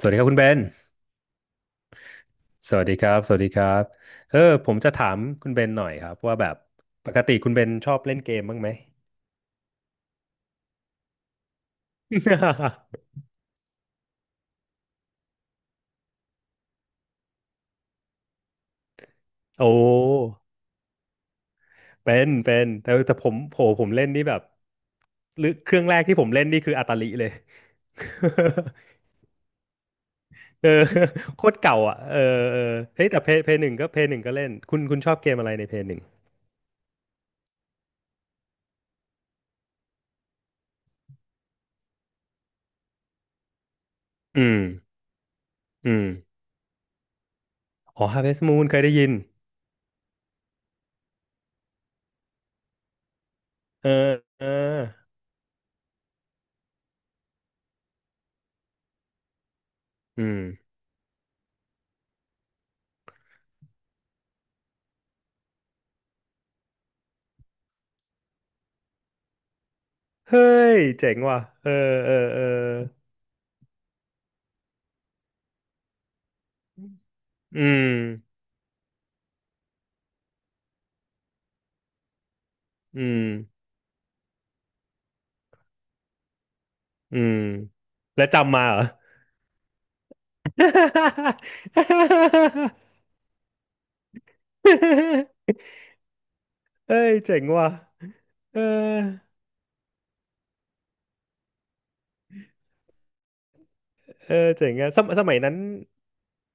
สวัสดีครับคุณเบน สวัสดีครับ สวัสดีครับผมจะถามคุณเบนหน่อยครับว่าแบบปกติคุณเบนชอบเล่นเกมบ้างไหม โอ้เป็นเป็นแต่แต่ผมโหผมเล่นนี่แบบหรือเครื่องแรกที่ผมเล่นนี่คืออาตาลิเลย เออโคตรเก่าอ่ะเออเออเฮ้ยแต่เพย์หนึ่งก็เล่นคุณชอบเกมอะไรในเพย์หนึ่งอืมอืมอ๋อ Harvest Moon เคยได้ยินเออเอออืมเฮ้ยเจ๋งว่ะเออเออเออ อืมอืมอืมแล้วจำมาเหรอ เอ้ยเจ๋งว่ะเออเออเจ๋งอะสมัยนั้น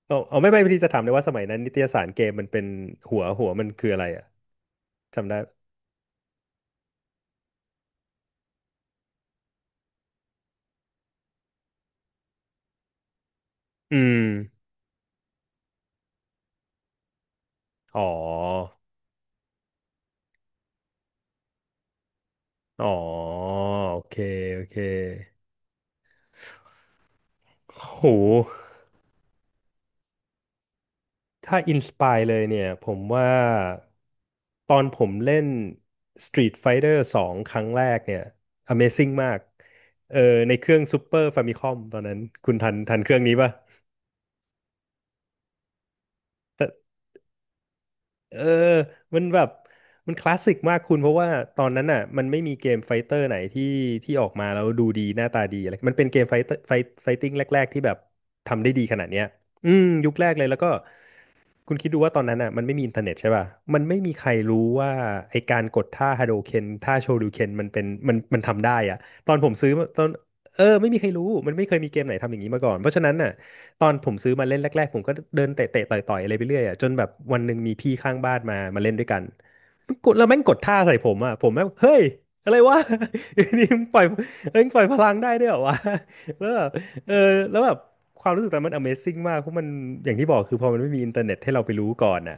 เอาเอาไม่ไม่พอดีจะถามเลยว่าสมัยนั้นนิตยสารเกมมันเป็นหัวมันคืออะไรอะจำได้อืมอ๋ออ๋อโอเคโอเคโห ถ้าอินสปายเลยเนี่ยผมว่าตอนผมเล่น Street Fighter 2ครั้งแรกเนี่ย Amazing มากเออในเครื่อง Super Famicom ตอนนั้นคุณทันเครื่องนี้ป่ะเออมันแบบมันคลาสสิกมากคุณเพราะว่าตอนนั้นอ่ะมันไม่มีเกมไฟเตอร์ไหนที่ที่ออกมาแล้วดูดีหน้าตาดีอะไรมันเป็นเกมไฟเตอร์ไฟไฟติ้งแรกๆที่แบบทำได้ดีขนาดเนี้ยอืมยุคแรกเลยแล้วก็ คุณคิดดูว่าตอนนั้นอ่ะมันไม่มีอินเทอร์เน็ตใช่ป่ะ มันไม่มีใครรู้ว่าไอการกดท่าฮาโดเคนท่าโชริวเคนมันเป็นมันมันทำได้อ่ะตอนผมซื้อมาตอนเออไม่มีใครรู้มันไม่เคยมีเกมไหนทำอย่างนี้มาก่อนเพราะฉะนั้นน่ะตอนผมซื้อมาเล่นแรกๆผมก็เดินเตะๆต่อยๆอะไรไปเรื่อยอ่ะจนแบบวันหนึ่งมีพี่ข้างบ้านมาเล่นด้วยกัน กดแล้วแม่งกดท่าใส่ผมอ่ะผมแม่งเฮ้ยอะไรวะ นี่มึงปล่อยเอ้ยมึงปล่อยพลังได้ด้วยเหรอวะ แล้วแบบเออแล้วแบบความรู้สึกตอนนั้นมัน Amazing มากเพราะมันอย่างที่บอกคือพอมันไม่มีอินเทอร์เน็ตให้เราไปรู้ก่อนอ่ะ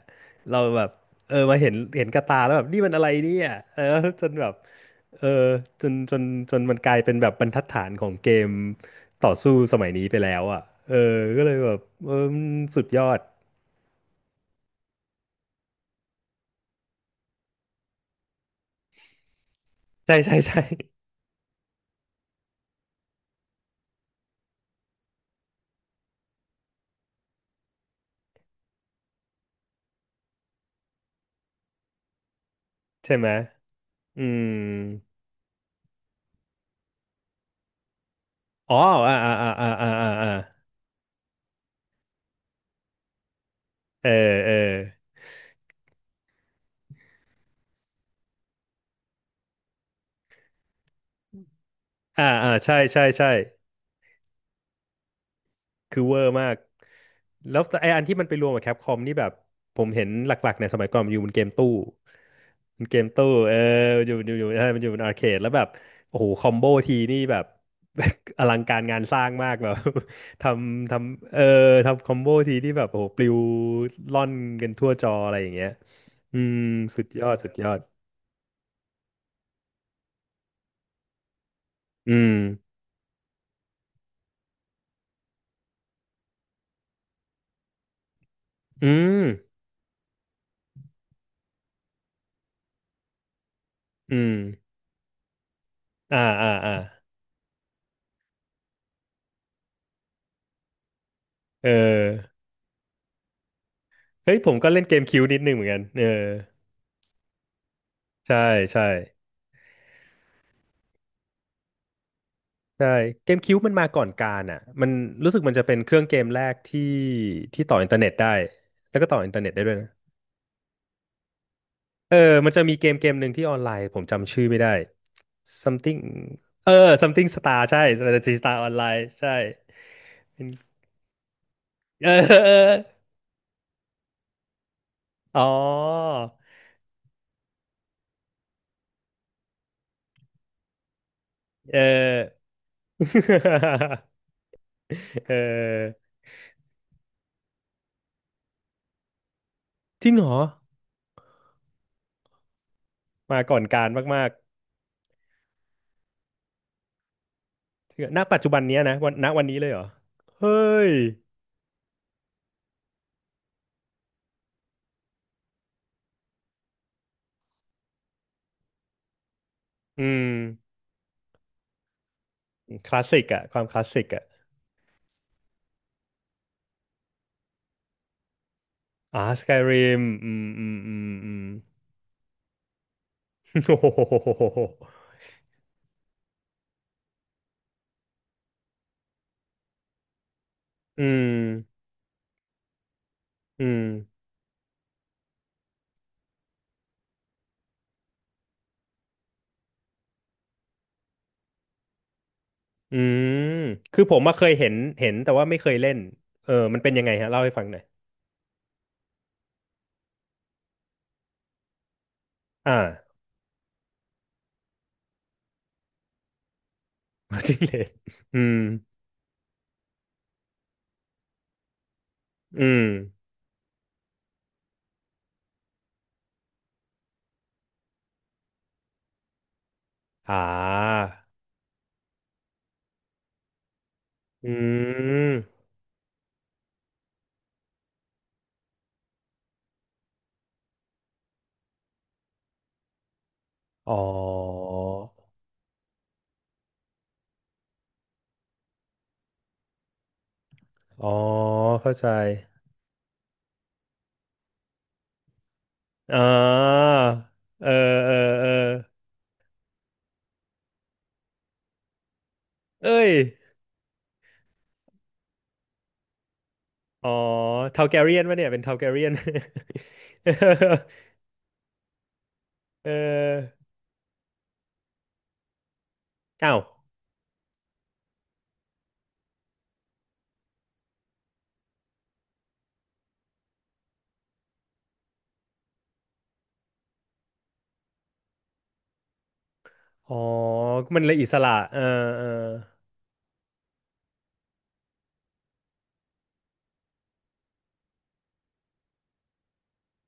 เราแบบเออมาเห็นเห็นกับตาแล้วแบบนี่มันอะไรเนี่ยเออจนแบบเออจนจนจนมันกลายเป็นแบบบรรทัดฐานของเกมต่อสู้สมัยนี้ไปแล้วอ่ะเออก็เลยแบบเออมันสุดยอดใช่ใช่ใช่ใช่ไหมอืม อ๋ออ่าอ่าอ่าอ่าอ่าอ่าอ่าเออเอออ่าอ่าใช่ใช่ใช่ คือเวอร์มาก แล้วไออันที่มันไปรวมกับแคปคอมนี่แบบผมเห็นหลักๆเนี่ยสมัยก่อนมันอยู่บนเกมตู้มันเกมตู้เออมันอยู่ใช่มันอยู่บนอาร์เคดแล้วแบบโอ้โหคอมโบทีนี่แบบ อลังการงานสร้างมากแบบ ทำเออทำคอมโบทีที่แบบโอ้โหปลิวล่อนกันทั่วจออะไรอย่างเงี้ยอืมสุดยอดสุดยอดอืมอืมอืม อ่าอ่าอ่าเออเฮ้ยผมก็เล่นเกมคิวนิดนึงเหมือนกันเออใช่ใช่ใช่เกมคิวมันมาก่อนการอ่ะมันรู้สึกมันจะเป็นเครื่องเกมแรกที่ที่ต่ออินเทอร์เน็ตได้แล้วก็ต่ออินเทอร์เน็ตได้ด้วยนะเออมันจะมีเกมหนึ่งที่ออนไลน์ผมจำชื่อไม่ได้ something เออ something star ใช่ strategy star ออนไลน์ใช่เป็นเออเอออ๋อเออ เออจริงเหรอมาก่อนการมาก คือณปัจจุบันเนี้ยนะวันณวันนี้เลยเหรอเฮ้ยอืมคลาสสิกอะความคลาสสิกอะอ่าสกายริมอืมอืมอืมอืม โอ้โหอืมอืมอืมคือผมมาเคยเห็นเห็นแต่ว่าไม่เคยเล่นเออมันเป็นยังไงฮะเล่าให้ฟังหน่อยอ่า จริ้งเหลนอืมอืมอ่าอืมอ๋ออ๋อเข้าใจอ่าเออเออเออ เอ้ยอ๋อทาลแกเรียนวะเนี่ยเป็นทาลแก เรียน เอออ้าวอ๋อมันเลยอิสระเออเออ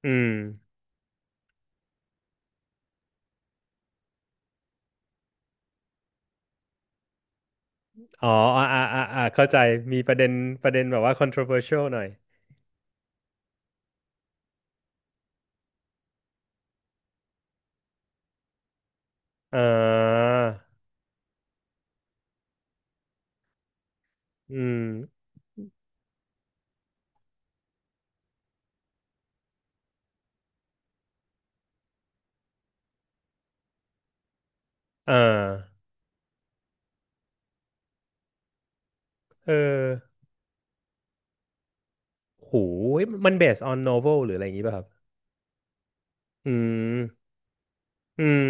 อืมอ๋ออ่าอ่าอ่าอ่าเข้าใจ มีประเด็นประเด็นแบบว่า controversial หน่อยเอออืมเออเออโหยมัน based on novel หรืออะไรอย่างงี้ป่ะครับอืมอืม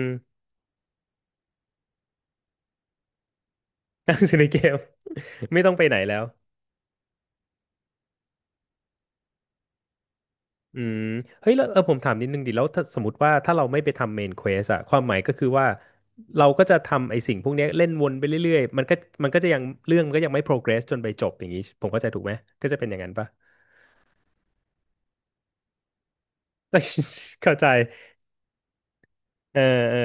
ตั้งอยู่ในเกม ไม่ต้องไปไหนแล้ว อืมเฮ้ยแล้วเออผมถามนิดนึงดิแล้วถ้าสมมติว่าถ้าเราไม่ไปทำเมนเควสอะความหมายก็คือว่าเราก็จะทำไอ้สิ่งพวกเนี้ยเล่นวนไปเรื่อยๆมันก็จะยังเรื่องมันก็ยังไม่โปรเกรสจนไปจบอย่างนี้ผมเข้าใจถูกไหมก็จะเป็นอย่างนั้นปะ เข้าใจเออเออ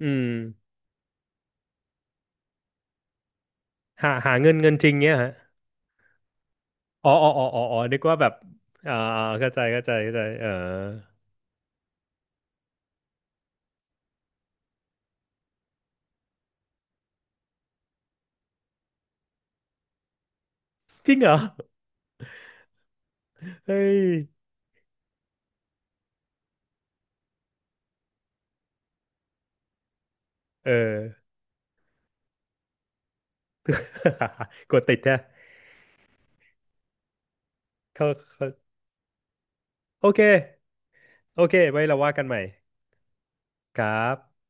อืมหาเงินจริงเนี้ยฮะอ๋ออ๋ออ๋ออ๋ออ๋อนึกว่าแบบอ่าอ่าเข้าใจเข้าใจเข้าใจเออจริงเหรอเฮ้ยเออ กดติดแท้เขาเขาโอเคโอเคไว้เราว่ากันใหม่ครับ